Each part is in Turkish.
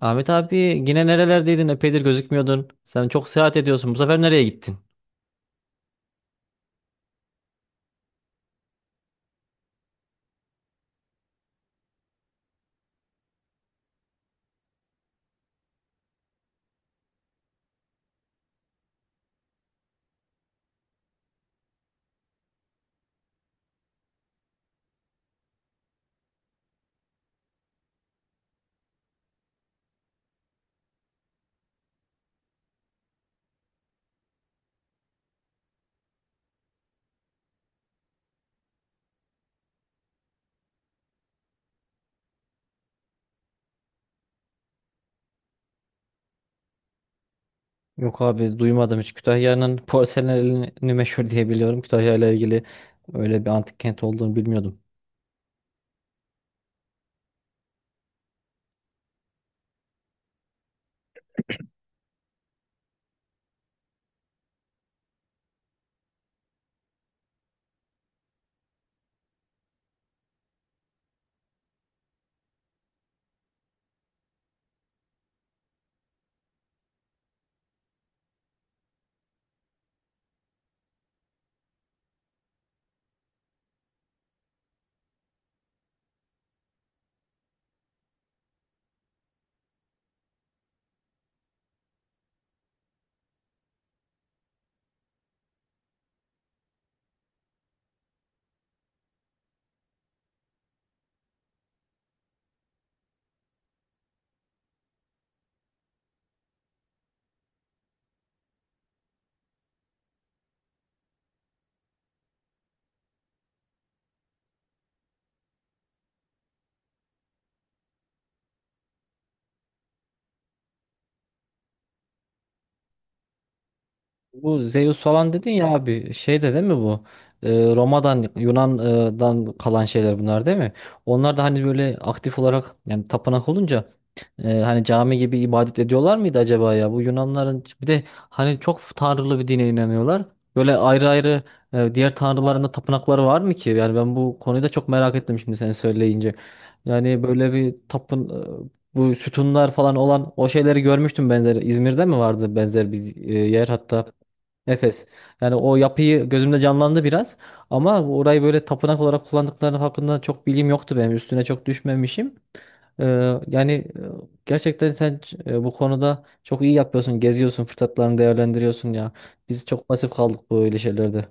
Ahmet abi, yine nerelerdeydin? Epeydir gözükmüyordun. Sen çok seyahat ediyorsun. Bu sefer nereye gittin? Yok abi, duymadım hiç. Kütahya'nın porselenini meşhur diye biliyorum. Kütahya ile ilgili öyle bir antik kent olduğunu bilmiyordum. Bu Zeus falan dedin ya abi, şey de değil mi bu? Ee, Roma'dan Yunan'dan kalan şeyler bunlar değil mi? Onlar da hani böyle aktif olarak yani tapınak olunca hani cami gibi ibadet ediyorlar mıydı acaba ya? Bu Yunanların bir de hani çok tanrılı bir dine inanıyorlar. Böyle ayrı ayrı diğer tanrıların da tapınakları var mı ki? Yani ben bu konuyu da çok merak ettim şimdi sen söyleyince. Yani böyle bir tapın e, bu sütunlar falan olan o şeyleri görmüştüm benzer. İzmir'de mi vardı benzer bir yer hatta? Efes. Yani o yapıyı gözümde canlandı biraz, ama orayı böyle tapınak olarak kullandıkları hakkında çok bilgim yoktu benim. Üstüne çok düşmemişim. Ee, yani e, gerçekten sen bu konuda çok iyi yapıyorsun. Geziyorsun, fırsatlarını değerlendiriyorsun ya. Biz çok pasif kaldık böyle şeylerde.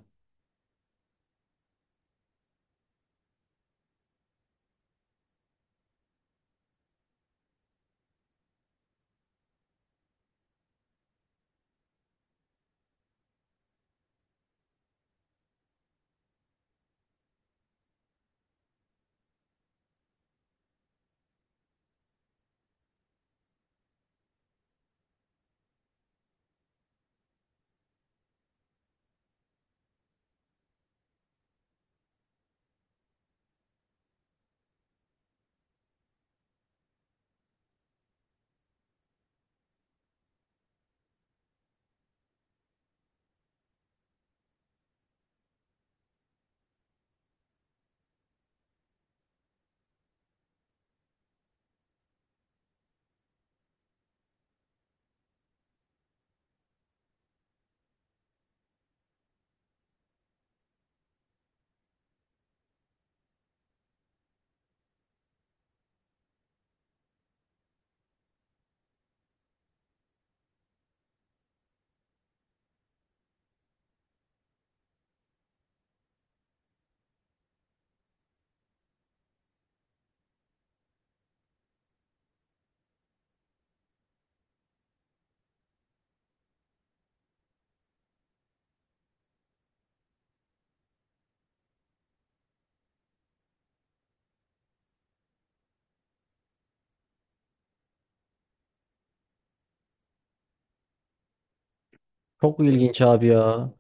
Çok ilginç abi ya.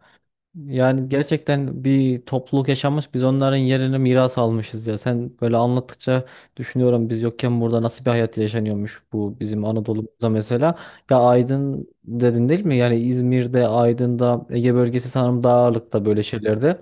Yani gerçekten bir topluluk yaşamış, biz onların yerini miras almışız ya. Sen böyle anlattıkça düşünüyorum, biz yokken burada nasıl bir hayat yaşanıyormuş bu bizim Anadolu'da mesela. Ya Aydın dedin değil mi? Yani İzmir'de, Aydın'da, Ege bölgesi sanırım daha ağırlıkta böyle şeylerde.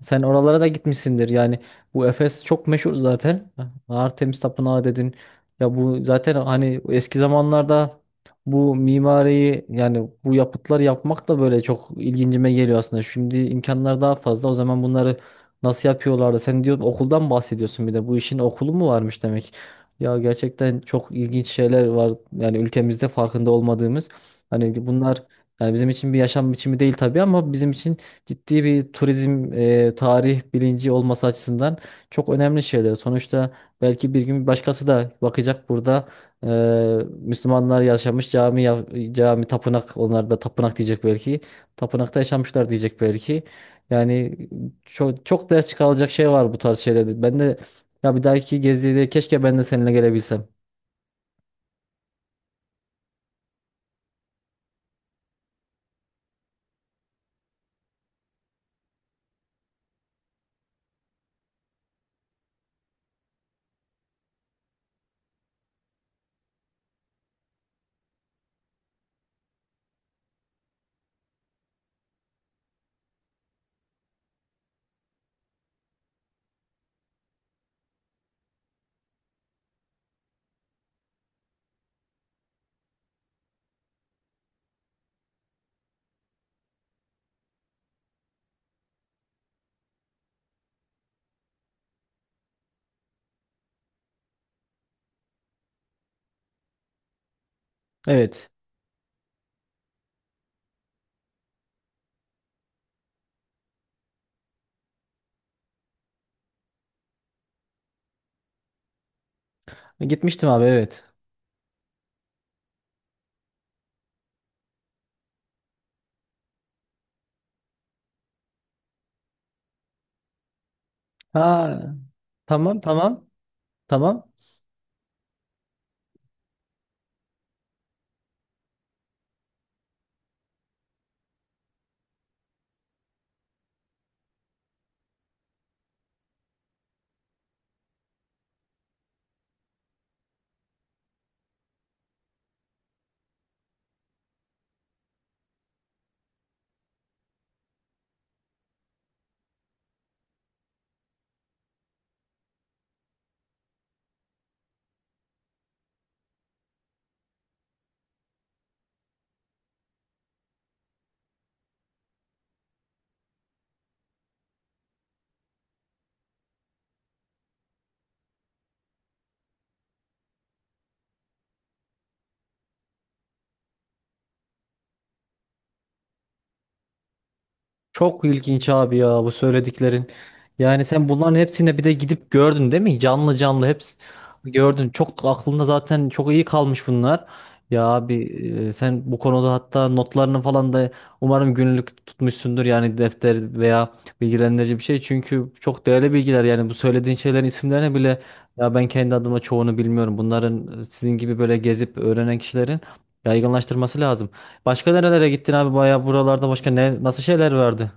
Sen oralara da gitmişsindir. Yani bu Efes çok meşhur zaten. Artemis Tapınağı dedin. Ya bu zaten hani eski zamanlarda bu mimariyi, yani bu yapıtlar yapmak da böyle çok ilgincime geliyor aslında. Şimdi imkanlar daha fazla. O zaman bunları nasıl yapıyorlardı? Sen diyor okuldan bahsediyorsun bir de. Bu işin okulu mu varmış demek? Ya gerçekten çok ilginç şeyler var. Yani ülkemizde farkında olmadığımız. Hani bunlar yani bizim için bir yaşam biçimi değil tabii, ama bizim için ciddi bir turizm, tarih bilinci olması açısından çok önemli şeyler. Sonuçta belki bir gün başkası da bakacak burada, e, Müslümanlar yaşamış, cami ya- cami tapınak, onlar da tapınak diyecek belki. Tapınakta yaşamışlar diyecek belki. Yani çok çok ders çıkarılacak şey var bu tarz şeylerde. Ben de, ya bir dahaki gezide keşke ben de seninle gelebilsem. Evet. Gitmiştim abi, evet. Ha, tamam tamam. Tamam. Çok ilginç abi ya bu söylediklerin. Yani sen bunların hepsine bir de gidip gördün değil mi? Canlı canlı hepsi gördün. Çok aklında zaten çok iyi kalmış bunlar. Ya abi, sen bu konuda hatta notlarını falan da umarım günlük tutmuşsundur, yani defter veya bilgilendirici bir şey. Çünkü çok değerli bilgiler, yani bu söylediğin şeylerin isimlerine bile, ya ben kendi adıma çoğunu bilmiyorum. Bunların, sizin gibi böyle gezip öğrenen kişilerin yaygınlaştırması lazım. Başka nerelere gittin abi, bayağı buralarda başka ne nasıl şeyler vardı?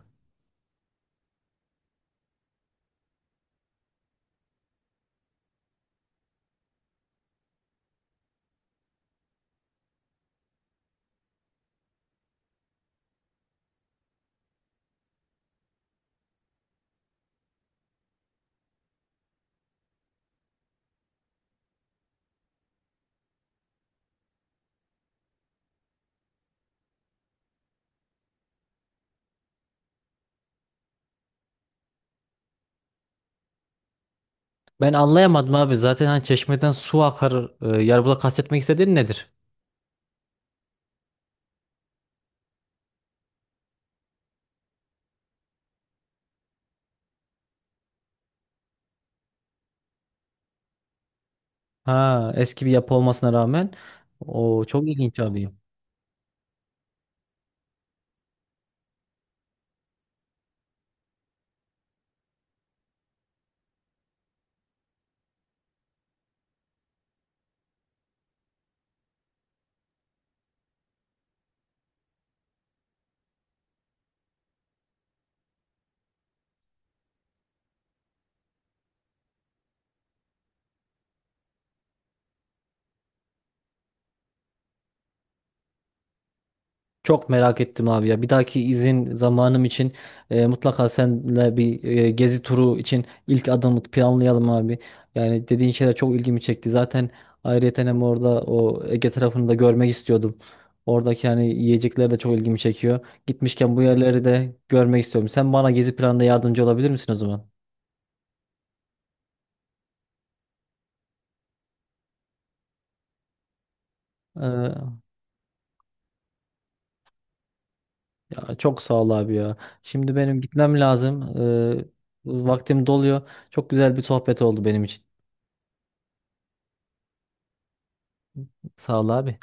Ben anlayamadım abi zaten, hani çeşmeden su akar, yani burada kastetmek istediğin nedir? Ha, eski bir yapı olmasına rağmen o çok ilginç abi. Çok merak ettim abi ya. Bir dahaki izin zamanım için mutlaka seninle bir gezi turu için ilk adımı planlayalım abi. Yani dediğin şeyler çok ilgimi çekti. Zaten ayrıyeten hem orada o Ege tarafını da görmek istiyordum. Oradaki yani yiyecekler de çok ilgimi çekiyor. Gitmişken bu yerleri de görmek istiyorum. Sen bana gezi planında yardımcı olabilir misin o zaman? Ee, ya çok sağ ol abi ya. Şimdi benim gitmem lazım. Ee, vaktim doluyor. Çok güzel bir sohbet oldu benim için. Sağ ol abi.